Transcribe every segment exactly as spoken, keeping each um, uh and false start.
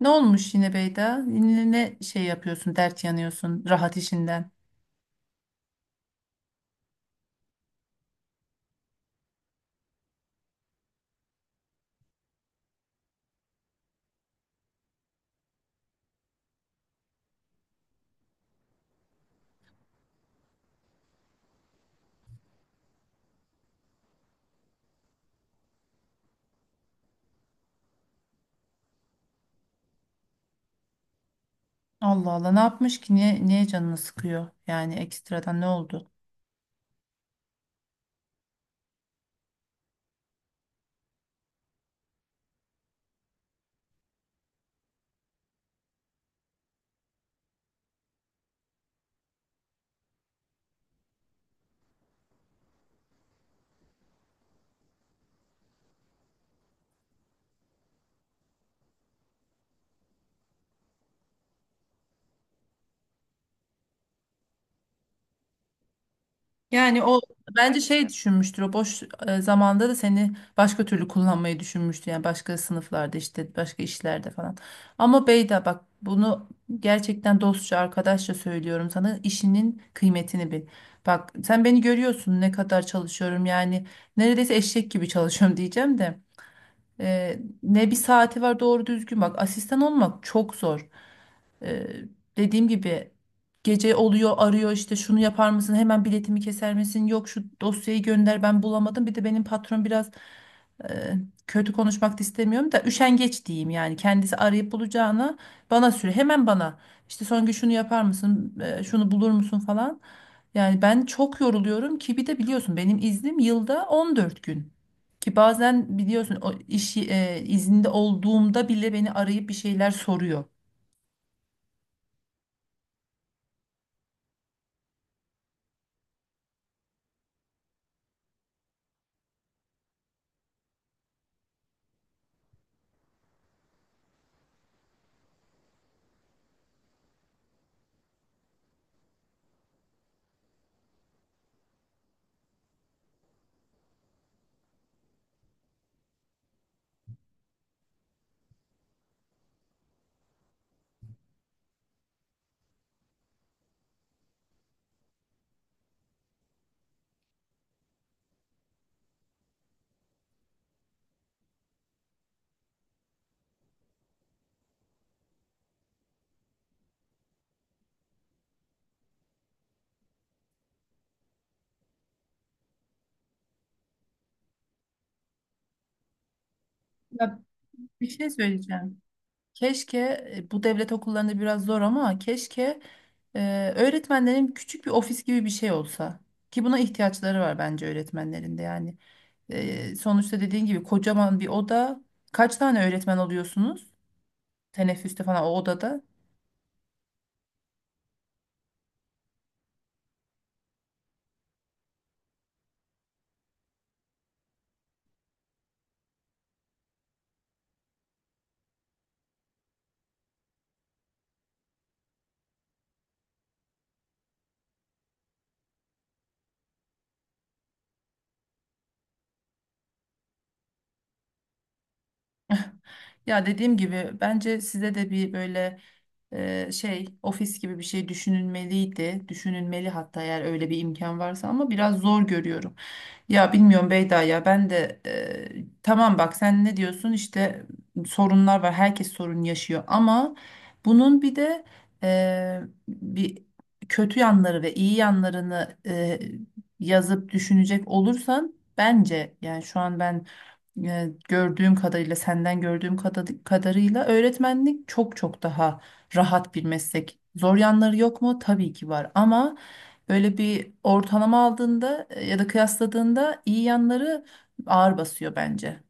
Ne olmuş yine Beyda? Yine ne şey yapıyorsun, dert yanıyorsun rahat işinden? Allah Allah ne yapmış ki? Niye, niye canını sıkıyor? Yani ekstradan ne oldu? Bence şey düşünmüştür o boş e, zamanda da seni başka türlü kullanmayı düşünmüştü. Yani başka sınıflarda işte başka işlerde falan. Ama Beyda bak bunu gerçekten dostça arkadaşça söylüyorum sana işinin kıymetini bil. Bak sen beni görüyorsun ne kadar çalışıyorum yani neredeyse eşek gibi çalışıyorum diyeceğim de. Ee, ne bir saati var doğru düzgün bak asistan olmak çok zor. Ee, Dediğim gibi gece oluyor arıyor işte şunu yapar mısın hemen biletimi keser misin yok şu dosyayı gönder ben bulamadım bir de benim patron biraz e, kötü konuşmak da istemiyorum da üşengeç diyeyim yani kendisi arayıp bulacağına bana süre hemen bana işte son gün şunu yapar mısın e, şunu bulur musun falan yani ben çok yoruluyorum ki bir de biliyorsun benim iznim yılda on dört gün. Ki bazen biliyorsun o iş e, izinde olduğumda bile beni arayıp bir şeyler soruyor. Ya, bir şey söyleyeceğim. Keşke e, bu devlet okullarında biraz zor ama keşke e, öğretmenlerin küçük bir ofis gibi bir şey olsa. Ki buna ihtiyaçları var bence öğretmenlerin de yani. E, sonuçta dediğin gibi kocaman bir oda. Kaç tane öğretmen oluyorsunuz? Teneffüste falan o odada. Ya dediğim gibi bence size de bir böyle e, şey ofis gibi bir şey düşünülmeliydi. Düşünülmeli hatta eğer öyle bir imkan varsa ama biraz zor görüyorum. Ya bilmiyorum Beyda ya ben de e, tamam bak sen ne diyorsun işte sorunlar var herkes sorun yaşıyor ama bunun bir de e, bir kötü yanları ve iyi yanlarını e, yazıp düşünecek olursan bence yani şu an ben e, gördüğüm kadarıyla senden gördüğüm kada- kadarıyla öğretmenlik çok çok daha rahat bir meslek. Zor yanları yok mu? Tabii ki var ama böyle bir ortalama aldığında e, ya da kıyasladığında iyi yanları ağır basıyor bence.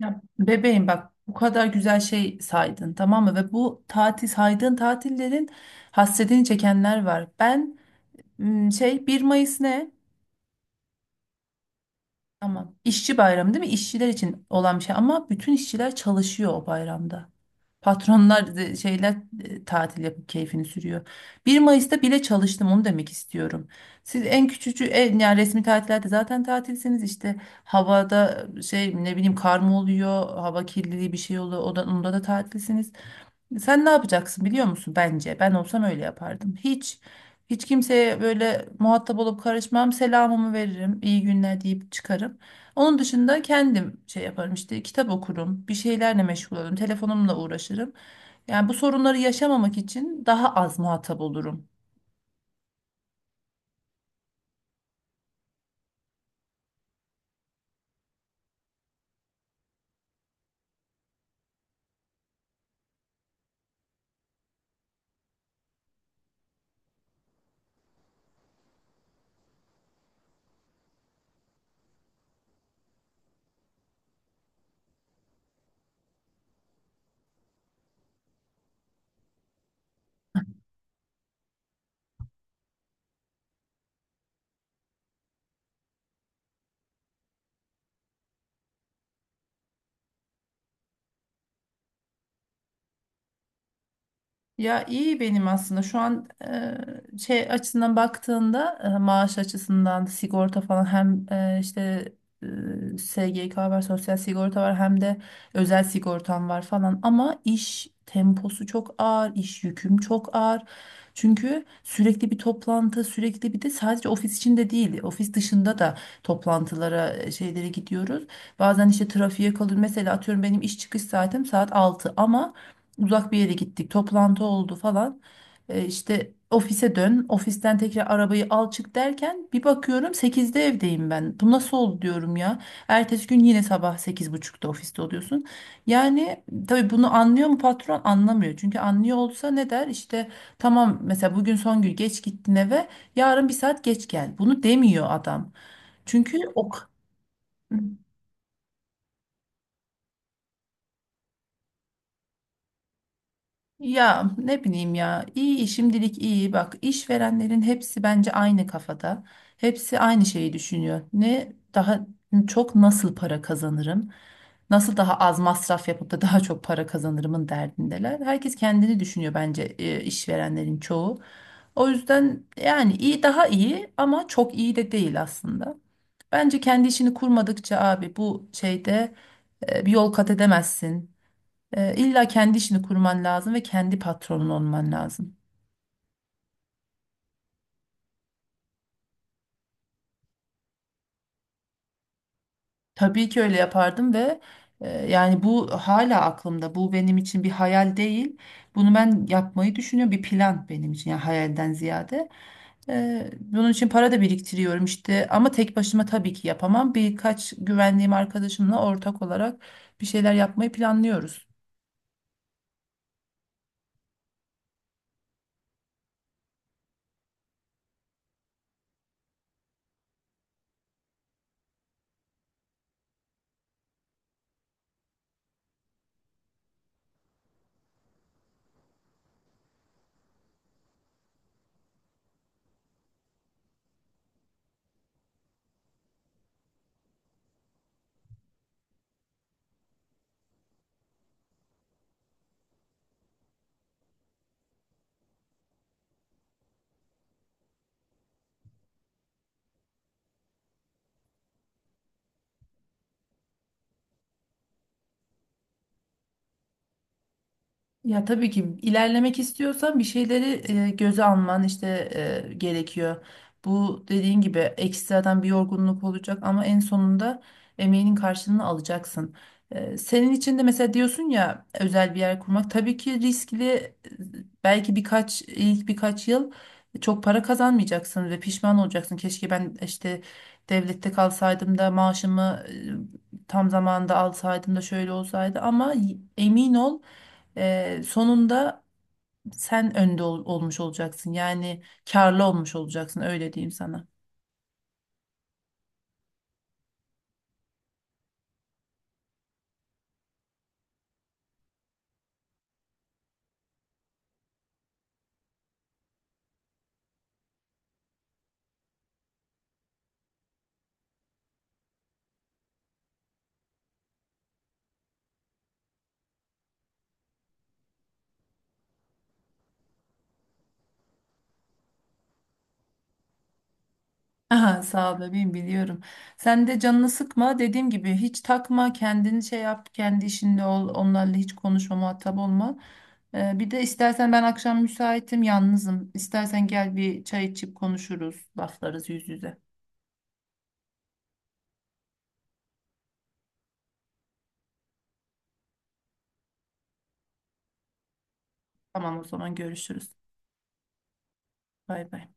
Ya bebeğim bak bu kadar güzel şey saydın tamam mı? Ve bu tatil saydığın tatillerin hasretini çekenler var. Ben m, şey bir Mayıs ne? Tamam. İşçi bayramı değil mi? İşçiler için olan bir şey ama bütün işçiler çalışıyor o bayramda. Patronlar e, şeyler e, tatil yapıp keyfini sürüyor. Bir Mayıs'ta bile çalıştım onu demek istiyorum. Siz en küçücü en yani resmi tatillerde zaten tatilsiniz işte havada şey ne bileyim kar mı oluyor, hava kirliliği bir şey oluyor. O da, onda da tatilsiniz. Sen ne yapacaksın biliyor musun bence? Ben olsam öyle yapardım. Hiç hiç kimseye böyle muhatap olup karışmam. Selamımı veririm. İyi günler deyip çıkarım. Onun dışında kendim şey yaparım işte kitap okurum, bir şeylerle meşgul olurum, telefonumla uğraşırım. Yani bu sorunları yaşamamak için daha az muhatap olurum. Ya iyi benim aslında şu an e, şey açısından baktığında e, maaş açısından sigorta falan hem e, işte e, S G K var sosyal sigorta var hem de özel sigortam var falan ama iş temposu çok ağır iş yüküm çok ağır çünkü sürekli bir toplantı sürekli bir de sadece ofis içinde değil ofis dışında da toplantılara e, şeylere gidiyoruz bazen işte trafiğe kalıyor mesela atıyorum benim iş çıkış saatim saat altı ama uzak bir yere gittik, toplantı oldu falan. E, işte ofise dön, ofisten tekrar arabayı al çık derken bir bakıyorum sekizde evdeyim ben. Bu nasıl oldu diyorum ya. Ertesi gün yine sabah sekiz buçukta ofiste oluyorsun. Yani tabii bunu anlıyor mu patron? Anlamıyor. Çünkü anlıyor olsa ne der? İşte tamam mesela bugün son gün geç gittin eve, yarın bir saat geç gel. Bunu demiyor adam. Çünkü o. Ya ne bileyim ya iyi şimdilik iyi bak işverenlerin hepsi bence aynı kafada hepsi aynı şeyi düşünüyor ne daha çok nasıl para kazanırım nasıl daha az masraf yapıp da daha çok para kazanırımın derdindeler herkes kendini düşünüyor bence e, işverenlerin çoğu o yüzden yani iyi daha iyi ama çok iyi de değil aslında bence kendi işini kurmadıkça abi bu şeyde e, bir yol kat edemezsin, e, illa kendi işini kurman lazım ve kendi patronun olman lazım. Tabii ki öyle yapardım ve e, yani bu hala aklımda. Bu benim için bir hayal değil. Bunu ben yapmayı düşünüyorum. Bir plan benim için yani hayalden ziyade. E, bunun için para da biriktiriyorum işte. Ama tek başıma tabii ki yapamam. Birkaç güvendiğim arkadaşımla ortak olarak bir şeyler yapmayı planlıyoruz. Ya tabii ki ilerlemek istiyorsan bir şeyleri e, göze alman işte e, gerekiyor. Bu dediğin gibi ekstradan bir yorgunluk olacak ama en sonunda emeğinin karşılığını alacaksın. E, senin için de mesela diyorsun ya özel bir yer kurmak tabii ki riskli. e, Belki birkaç ilk birkaç yıl çok para kazanmayacaksın ve pişman olacaksın. Keşke ben işte devlette kalsaydım da maaşımı e, tam zamanında alsaydım da şöyle olsaydı ama y- emin ol ee, sonunda sen önde ol- olmuş olacaksın. Yani karlı olmuş olacaksın öyle diyeyim sana. Aha, sağ ol bebeğim biliyorum. Sen de canını sıkma. Dediğim gibi hiç takma. Kendini şey yap. Kendi işinde ol. Onlarla hiç konuşma, muhatap olma. Ee, bir de istersen ben akşam müsaitim, yalnızım. İstersen gel bir çay içip konuşuruz, laflarız yüz yüze. Tamam o zaman görüşürüz. Bay bay.